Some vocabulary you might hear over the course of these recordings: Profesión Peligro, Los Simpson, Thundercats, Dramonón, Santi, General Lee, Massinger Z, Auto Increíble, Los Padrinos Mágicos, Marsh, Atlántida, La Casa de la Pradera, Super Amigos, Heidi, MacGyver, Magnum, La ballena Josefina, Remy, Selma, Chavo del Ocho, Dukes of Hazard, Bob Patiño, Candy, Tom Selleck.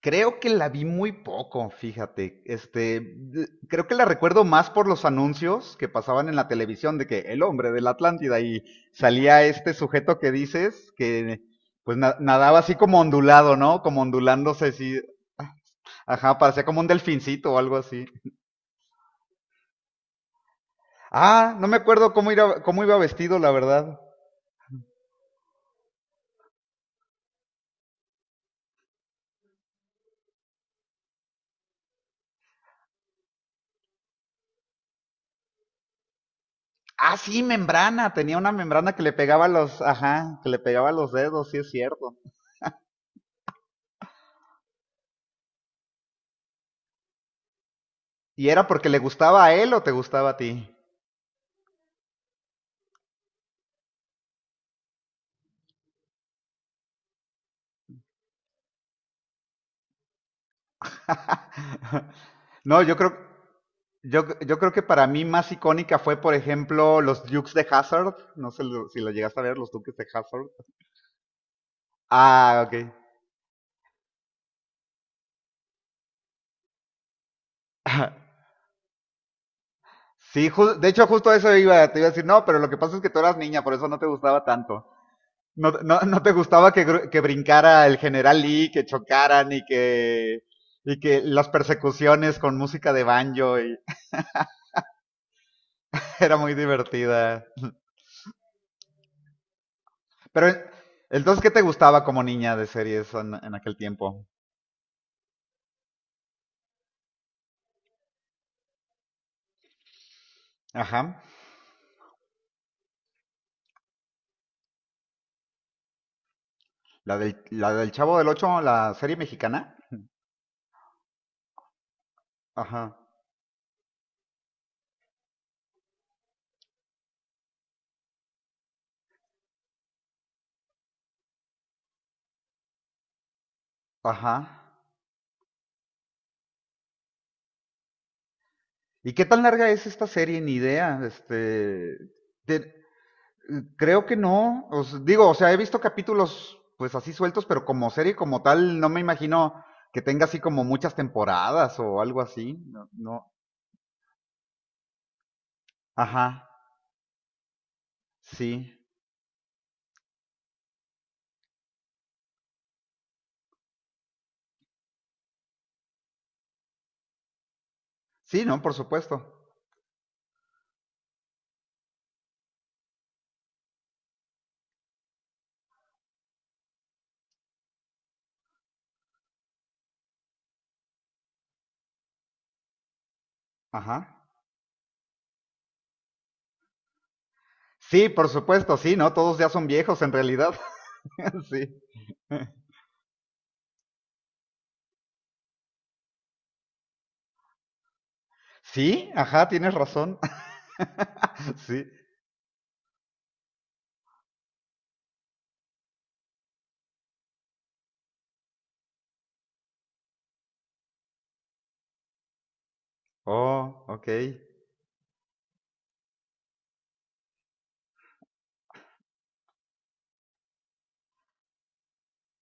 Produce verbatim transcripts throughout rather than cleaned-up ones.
Creo que la vi muy poco, fíjate. Este, d- creo que la recuerdo más por los anuncios que pasaban en la televisión de que el hombre de la Atlántida y salía este sujeto que dices que pues na- nadaba así como ondulado, ¿no? Como ondulándose así. Ajá, parecía como un delfincito o algo así. Ah, no me acuerdo cómo iba, cómo iba vestido, la verdad. Ah, sí, membrana. Tenía una membrana que le pegaba a los, ajá, que le pegaba a los dedos, sí es cierto. ¿Y era porque le gustaba a él o te gustaba a ti? No, yo creo, yo, yo creo que para mí más icónica fue, por ejemplo, los Dukes de Hazard. No sé lo- si lo llegaste a ver, los Dukes de Hazard. Ah, ok. Sí, ju- de hecho, justo eso iba, te iba a decir, no, pero lo que pasa es que tú eras niña, por eso no te gustaba tanto. No, no, no te gustaba que, gru- que brincara el General Lee, que chocaran y que, y que las persecuciones con música de banjo y era muy divertida. Pero entonces, ¿qué te gustaba como niña de series en, en aquel tiempo? Ajá. La del, la del Chavo del Ocho, la serie mexicana. Ajá, ajá. ¿Y qué tan larga es esta serie? Ni idea. Este, te- creo que no. Os digo, o sea, he visto capítulos pues así sueltos, pero como serie como tal, no me imagino que tenga así como muchas temporadas o algo así. No, no. Ajá, sí. Sí, no, por supuesto. Ajá. Sí, por supuesto, sí, ¿no? Todos ya son viejos en realidad. Sí. Sí, ajá, tienes razón. Sí. Oh, ok.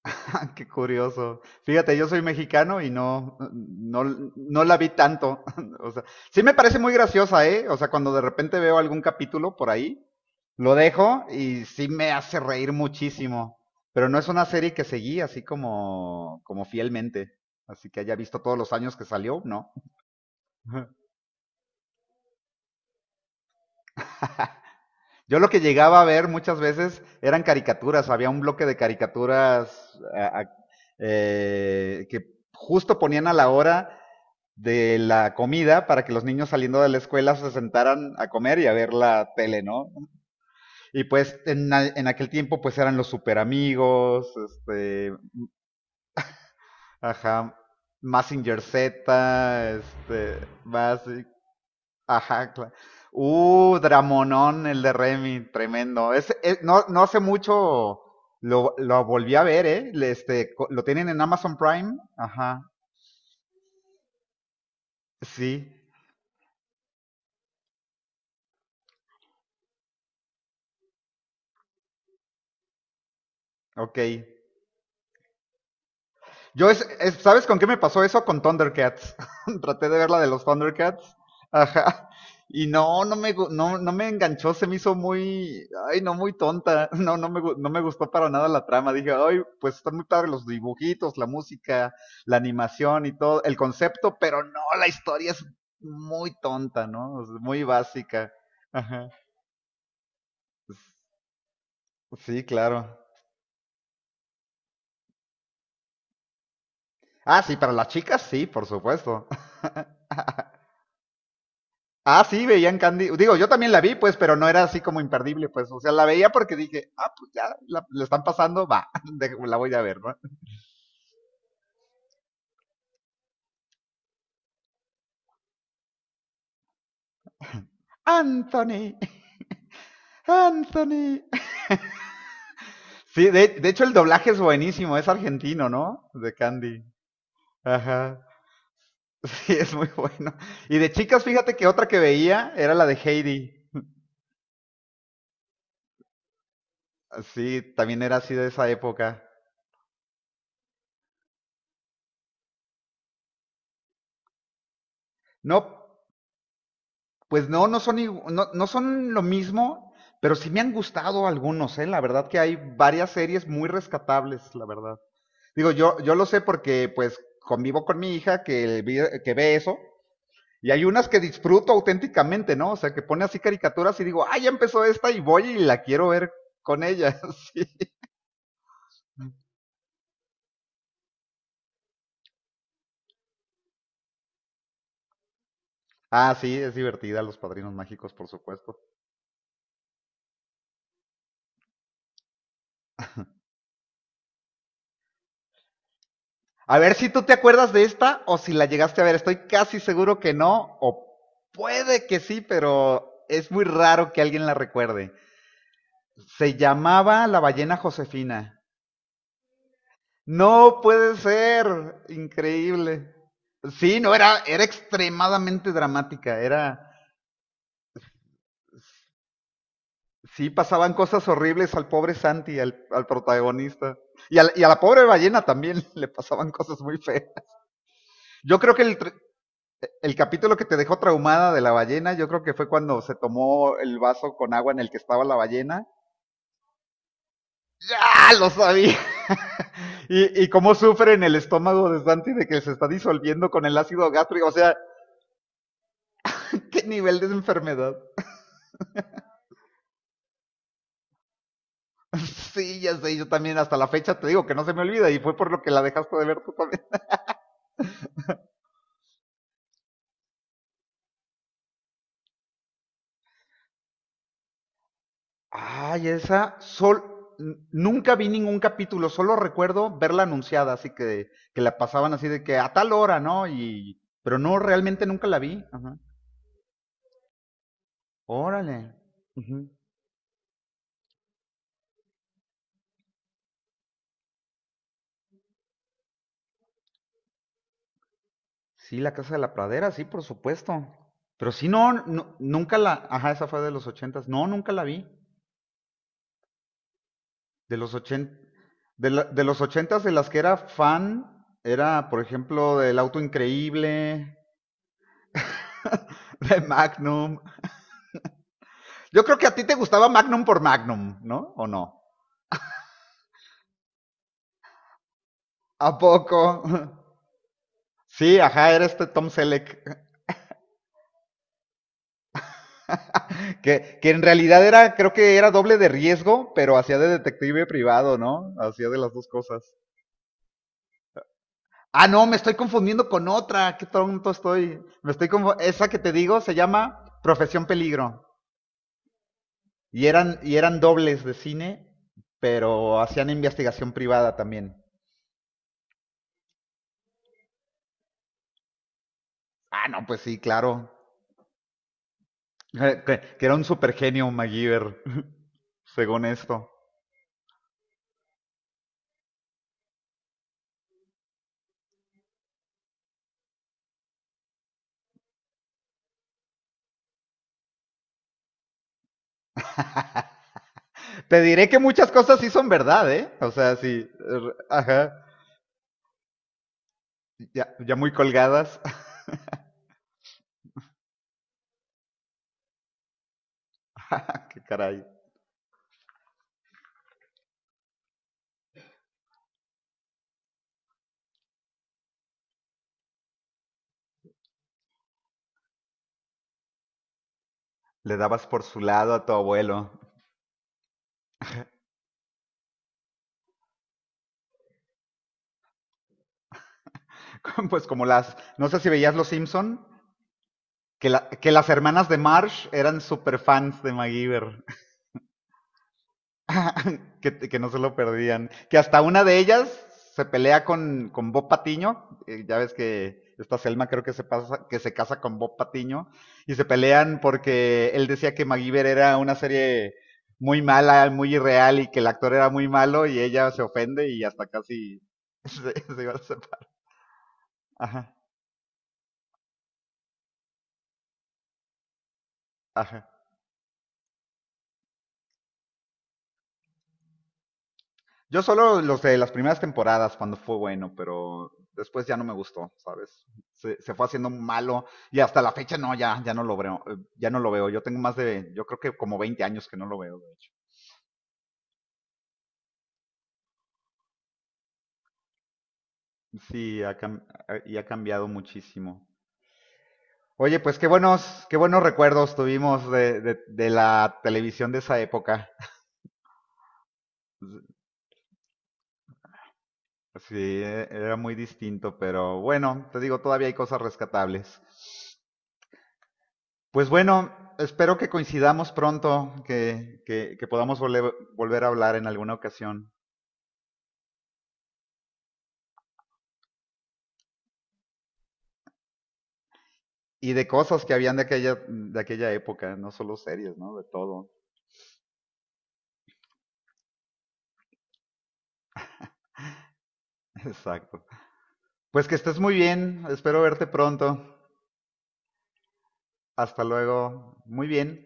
Ah, qué curioso. Fíjate, yo soy mexicano y no, no, no la vi tanto. O sea, sí me parece muy graciosa, ¿eh? O sea, cuando de repente veo algún capítulo por ahí, lo dejo y sí me hace reír muchísimo. Pero no es una serie que seguí así como, como fielmente. Así que haya visto todos los años que salió, ¿no? Yo lo que llegaba a ver muchas veces eran caricaturas, había un bloque de caricaturas a- a- eh, que justo ponían a la hora de la comida para que los niños saliendo de la escuela se sentaran a comer y a ver la tele, ¿no? Y pues en, en aquel tiempo pues eran los super amigos, este, ajá, Massinger Z, este, más, ajá, claro. Uh, Dramonón, el de Remy, tremendo. Es, es- no, no hace mucho lo, lo volví a ver, ¿eh? Le- Este, co- lo tienen en Amazon Prime. Ajá, sí, ok. Yo, es, es- ¿sabes con qué me pasó eso? Con Thundercats. Traté de ver la de los Thundercats. Ajá. Y no, no me, gu- no, no me enganchó, se me hizo muy, ay, no, muy tonta. No, no me, gu- no me gustó para nada la trama. Dije, ay, pues están muy padres los dibujitos, la música, la animación y todo, el concepto, pero no, la historia es muy tonta, ¿no? O sea, muy básica. Ajá. Sí, claro. Ah, sí, para las chicas, sí, por supuesto. Ah, sí, veían Candy. Digo, yo también la vi, pues, pero no era así como imperdible, pues. O sea, la veía porque dije, ah, pues ya, la, la están pasando, va, de- la voy a ver, ¿no? Anthony, Anthony. Sí, de, de hecho el doblaje es buenísimo, es argentino, ¿no? De Candy. Ajá. Sí, es muy bueno. Y de chicas, fíjate que otra que veía era la de Heidi. Sí, también era así de esa época. No, pues no, no son, igu- no, no son lo mismo, pero sí me han gustado algunos, ¿eh? La verdad que hay varias series muy rescatables, la verdad. Digo, yo, yo lo sé porque pues convivo con mi hija que, vi- que ve eso, y hay unas que disfruto auténticamente, ¿no? O sea, que pone así caricaturas y digo, ah, ya empezó esta y voy y la quiero ver con ella. Sí. Ah, sí, es divertida, Los Padrinos Mágicos, por supuesto. A ver si tú te acuerdas de esta o si la llegaste a ver. Estoy casi seguro que no, o puede que sí, pero es muy raro que alguien la recuerde. Se llamaba La ballena Josefina. No puede ser, increíble. Sí, no, era, era extremadamente dramática, era... Sí, pasaban cosas horribles al pobre Santi, al, al protagonista. Y, al- y a la pobre ballena también le pasaban cosas muy feas. Yo creo que el, el capítulo que te dejó traumada de la ballena, yo creo que fue cuando se tomó el vaso con agua en el que estaba la ballena. ¡Ya! Lo sabía. y, y cómo sufre en el estómago de Santi de que se está disolviendo con el ácido gástrico. O sea, qué nivel de enfermedad. sí, ya sé, yo también hasta la fecha te digo que no se me olvida y fue por lo que la dejaste de ver tú también. Ay, esa sol n- nunca vi ningún capítulo, solo recuerdo verla anunciada, así que que la pasaban así de que a tal hora, ¿no? Y pero no, realmente nunca la vi. Ajá. Órale. Ujú. Sí, La Casa de la Pradera, sí, por supuesto. Pero sí, no, nu- nunca la, ajá, esa fue de los ochentas. No, nunca la vi. De los ochenta, de la- de los ochentas de las que era fan, era, por ejemplo, del Auto Increíble, de Magnum. Yo creo que a ti te gustaba Magnum por Magnum, ¿no? ¿O no? ¿A poco? Sí, ajá, era este Tom Selleck, que, que en realidad era, creo que era doble de riesgo, pero hacía de detective privado, ¿no? Hacía de las dos cosas. Ah, no, me estoy confundiendo con otra, qué tonto estoy. Me estoy confu- esa que te digo se llama Profesión Peligro. Y eran, y eran dobles de cine, pero hacían investigación privada también. Ah, no, pues sí, claro. Que, que era un supergenio MacGyver. según esto. Te diré que muchas cosas sí son verdad, ¿eh? O sea, sí. er, Ajá. Ya, ya muy colgadas. Qué caray. Le dabas por su lado a tu abuelo. Pues como las. No sé si veías Los Simpson. Que, la- que las hermanas de Marsh eran super fans de MacGyver. que, que no se lo perdían. Que hasta una de ellas se pelea con, con Bob Patiño. Eh, ya ves que esta Selma creo que se, pasa, que se casa con Bob Patiño. Y se pelean porque él decía que MacGyver era una serie muy mala, muy irreal y que el actor era muy malo y ella se ofende y hasta casi se, se iba a separar. Ajá, ajá. Yo solo los de las primeras temporadas cuando fue bueno, pero después ya no me gustó, ¿sabes? Se, se fue haciendo malo y hasta la fecha no, ya, ya no lo veo, eh, ya no lo veo. Yo tengo más de, yo creo que como veinte años que no lo veo, de hecho. Sí, ha cam- y ha cambiado muchísimo. Oye, pues qué buenos, qué buenos recuerdos tuvimos de, de, de la televisión de esa época. Sí, eh, era muy distinto, pero bueno, te digo, todavía hay cosas rescatables. Pues bueno, espero que coincidamos pronto, que, que, que podamos volver, volver a hablar en alguna ocasión. Y de cosas que habían de aquella, de aquella época, no solo series, ¿no? De todo. Exacto. Pues que estés muy bien, espero verte pronto. Hasta luego. Muy bien.